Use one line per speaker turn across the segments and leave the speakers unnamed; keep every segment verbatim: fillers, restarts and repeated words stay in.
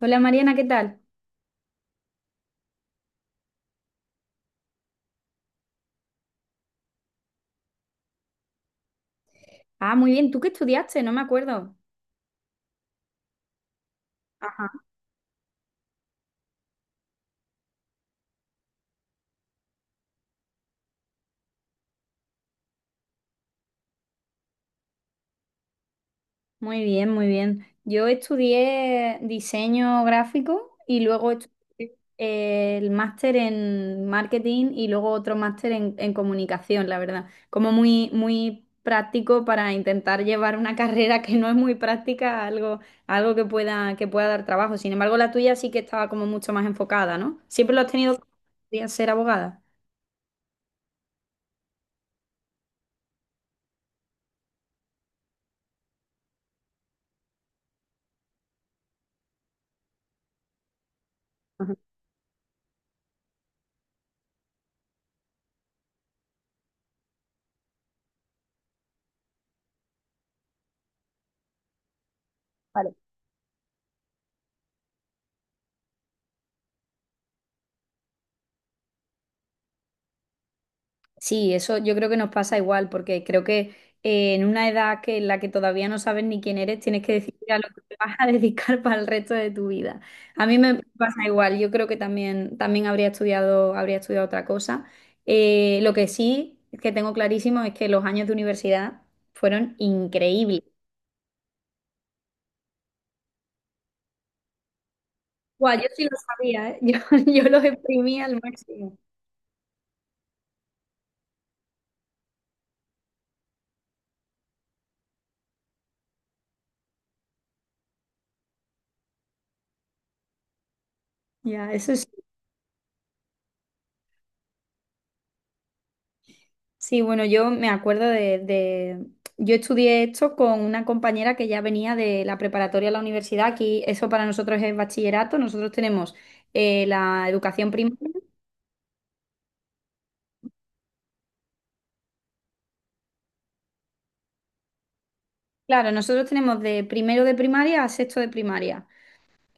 Hola Mariana, ¿qué tal? Ah, muy bien. ¿Tú qué estudiaste? No me acuerdo. Muy bien, muy bien. Yo estudié diseño gráfico y luego estudié eh, el máster en marketing y luego otro máster en, en comunicación, la verdad. Como muy, muy práctico para intentar llevar una carrera que no es muy práctica a algo, a algo que pueda, que pueda dar trabajo. Sin embargo, la tuya sí que estaba como mucho más enfocada, ¿no? ¿Siempre lo has tenido que ser abogada? Ajá. Sí, eso yo creo que nos pasa igual, porque creo que eh, en una edad que en la que todavía no sabes ni quién eres, tienes que decidir a lo que te vas a dedicar para el resto de tu vida. A mí me pasa igual, yo creo que también, también habría estudiado, habría estudiado otra cosa. Eh, lo que sí que tengo clarísimo es que los años de universidad fueron increíbles. Guau, yo sí lo sabía, ¿eh? Yo, yo los exprimí al máximo. Ya, eso sí. Sí, bueno, yo me acuerdo de, de- yo estudié esto con una compañera que ya venía de la preparatoria a la universidad. Aquí eso para nosotros es bachillerato. Nosotros tenemos eh, la educación primaria. Claro, nosotros tenemos de primero de primaria a sexto de primaria.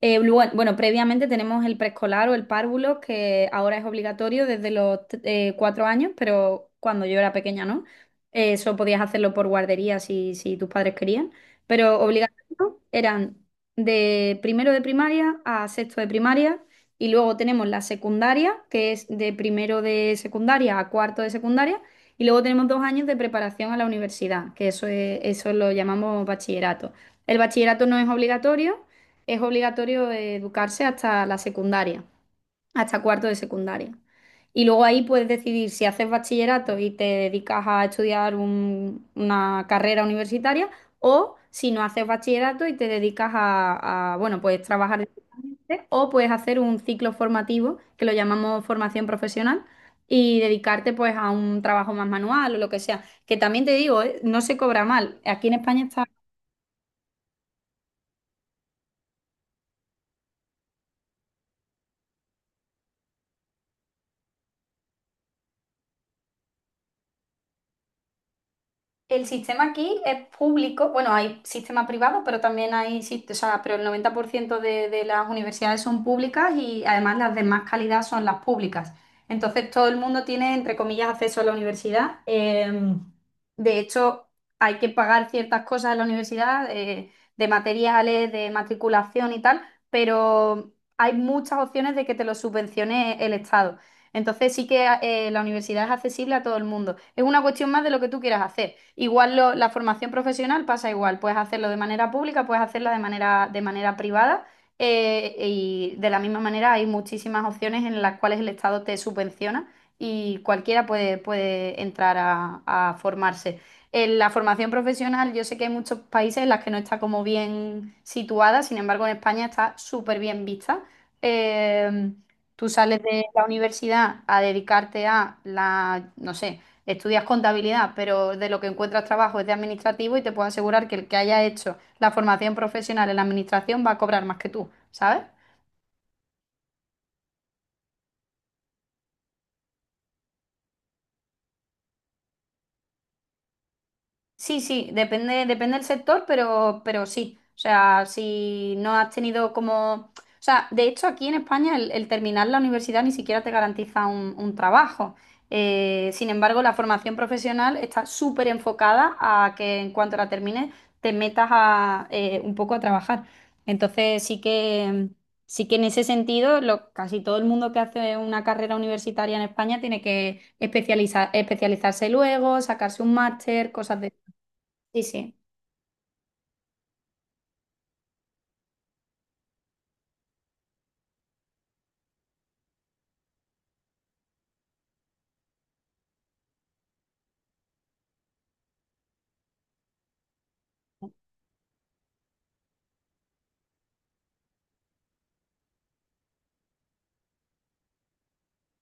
Eh, lu- bueno, bueno, previamente tenemos el preescolar o el párvulo, que ahora es obligatorio desde los t- eh, cuatro años, pero cuando yo era pequeña, ¿no? Eh, Eso podías hacerlo por guardería si, si tus padres querían, pero obligatorio eran de primero de primaria a sexto de primaria, y luego tenemos la secundaria, que es de primero de secundaria a cuarto de secundaria, y luego tenemos dos años de preparación a la universidad, que eso es- eso lo llamamos bachillerato. El bachillerato no es obligatorio. Es obligatorio educarse hasta la secundaria, hasta cuarto de secundaria. Y luego ahí puedes decidir si haces bachillerato y te dedicas a estudiar un- una carrera universitaria, o si no haces bachillerato y te dedicas a, a, bueno, puedes trabajar directamente, o puedes hacer un ciclo formativo que lo llamamos formación profesional, y dedicarte pues a un trabajo más manual o lo que sea. Que también te digo, ¿eh?, no se cobra mal. Aquí en España está. El sistema aquí es público, bueno, hay sistema privado, pero también hay, sist- o sea, pero el noventa por ciento de, de las universidades son públicas, y además las de más calidad son las públicas. Entonces todo el mundo tiene, entre comillas, acceso a la universidad. Em, de hecho, hay que pagar ciertas cosas en la universidad, eh, de materiales, de matriculación y tal, pero hay muchas opciones de que te lo subvencione el Estado. Entonces sí que eh, la universidad es accesible a todo el mundo. Es una cuestión más de lo que tú quieras hacer. Igual lo- la formación profesional pasa igual. Puedes hacerlo de manera pública, puedes hacerla de manera, de manera, privada. Eh, y de la misma manera hay muchísimas opciones en las cuales el Estado te subvenciona, y cualquiera puede, puede entrar a, a formarse. En la formación profesional, yo sé que hay muchos países en las que no está como bien situada, sin embargo, en España está súper bien vista. Eh, Tú sales de la universidad a dedicarte a la, no sé, estudias contabilidad, pero de lo que encuentras trabajo es de administrativo, y te puedo asegurar que el que haya hecho la formación profesional en la administración va a cobrar más que tú, ¿sabes? Sí, sí, depende, depende, del sector, pero, pero sí. O sea, si no has tenido como. O sea, de hecho aquí en España el, el terminar la universidad ni siquiera te garantiza un, un trabajo. Eh, sin embargo, la formación profesional está súper enfocada a que en cuanto la termines te metas a, eh, un poco a trabajar. Entonces sí que, sí que en ese sentido lo- casi todo el mundo que hace una carrera universitaria en España tiene que especializa- especializarse luego, sacarse un máster, cosas de. Sí, sí.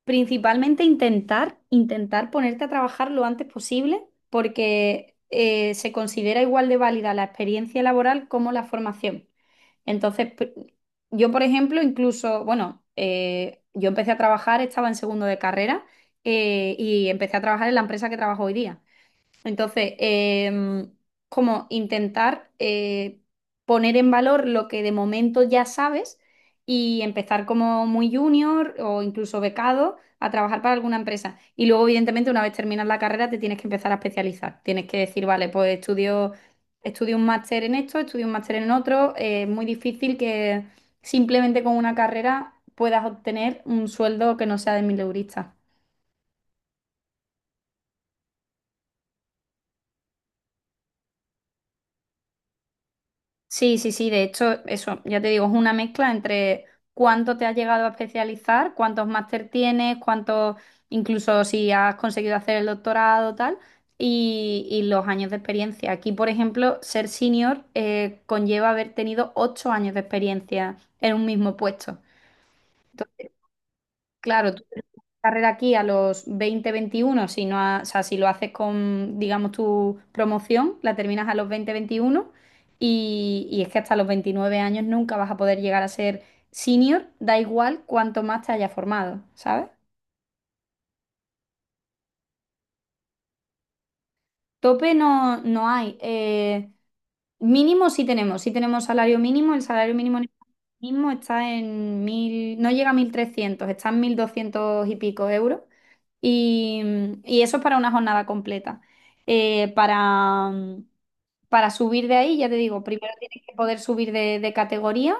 Principalmente intentar, intentar ponerte a trabajar lo antes posible, porque eh, se considera igual de válida la experiencia laboral como la formación. Entonces, pr- yo, por ejemplo, incluso, bueno, eh, yo empecé a trabajar, estaba en segundo de carrera, eh, y empecé a trabajar en la empresa que trabajo hoy día. Entonces, em, como intentar eh, poner en valor lo que de momento ya sabes, y empezar como muy junior o incluso becado a trabajar para alguna empresa. Y luego, evidentemente, una vez terminas la carrera, te tienes que empezar a especializar. Tienes que decir, vale, pues estudio, estudio un máster en esto, estudio un máster en otro. Eh, es muy difícil que simplemente con una carrera puedas obtener un sueldo que no sea de mil mileurista. Sí, sí, sí, de hecho, eso, ya te digo, es una mezcla entre cuánto te has llegado a especializar, cuántos máster tienes, cuántos, incluso si has conseguido hacer el doctorado, tal, y, y los años de experiencia. Aquí, por ejemplo, ser senior eh, conlleva haber tenido ocho años de experiencia en un mismo puesto. Entonces, claro, tú carrera aquí a los veinte, veintiuno, si no ha- o sea, si lo haces con, digamos, tu promoción, la terminas a los veinte, veintiuno, y, y es que hasta los veintinueve años nunca vas a poder llegar a ser senior, da igual cuánto más te hayas formado, ¿sabes? Tope no, no hay. Eh, Mínimo sí tenemos, sí tenemos, salario mínimo. El salario mínimo en España ahora mismo está en mil, no llega a mil trescientos, está en mil doscientos y pico euros. Y, y eso es para una jornada completa. Eh, para, para, subir de ahí, ya te digo, primero tienes que poder subir de, de, categoría,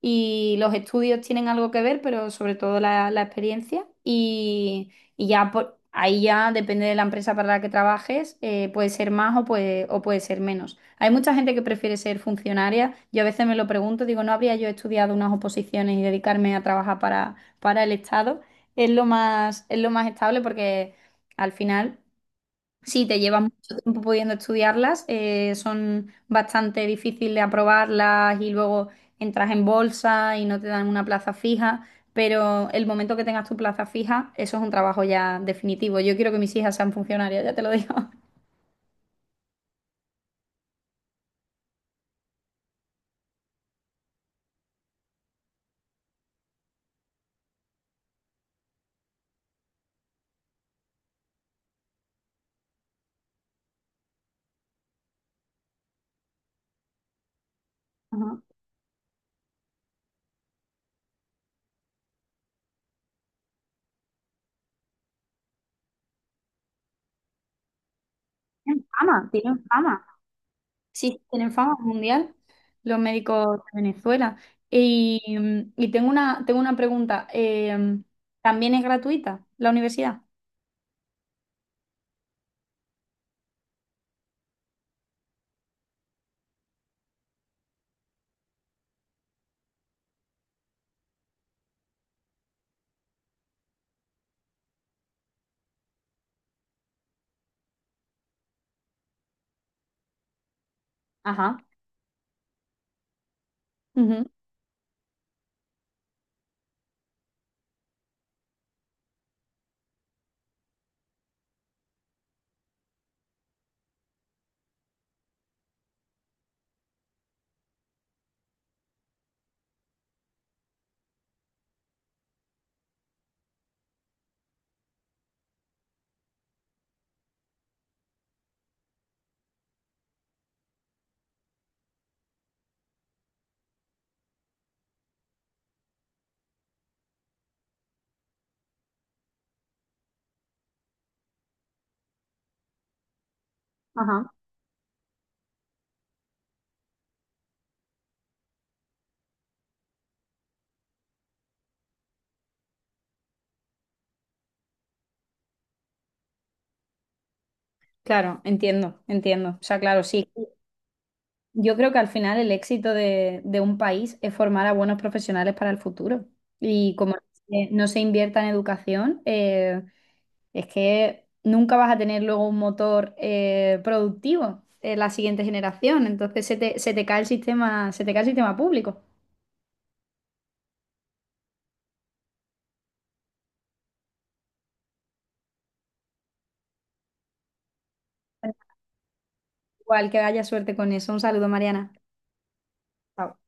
y los estudios tienen algo que ver, pero sobre todo la, la experiencia. Y, y ya por- ahí ya depende de la empresa para la que trabajes, eh, puede ser más o puede, o puede ser menos. Hay mucha gente que prefiere ser funcionaria. Yo a veces me lo pregunto, digo, ¿no habría yo estudiado unas oposiciones y dedicarme a trabajar para, para el Estado? Es lo más, es lo más estable porque al final. Sí, te llevas mucho tiempo pudiendo estudiarlas, eh, son bastante difíciles de aprobarlas, y luego entras en bolsa y no te dan una plaza fija, pero el momento que tengas tu plaza fija, eso es un trabajo ya definitivo. Yo quiero que mis hijas sean funcionarias, ya te lo digo. Ajá. Tienen fama, tienen fama. Sí, sí, tienen fama mundial los médicos de Venezuela. Y, y tengo una, tengo una pregunta, eh, ¿también es gratuita la universidad? Ajá. Ujú. Ajá. Claro, entiendo, entiendo. O sea, claro, sí. Yo creo que al final el éxito de, de un país es formar a buenos profesionales para el futuro. Y como eh, no se invierta en educación, eh, es que nunca vas a tener luego un motor eh, productivo en la siguiente generación. Entonces se te, se te cae el sistema, se te cae el sistema público. Bueno, igual que haya suerte con eso. Un saludo, Mariana. Chao.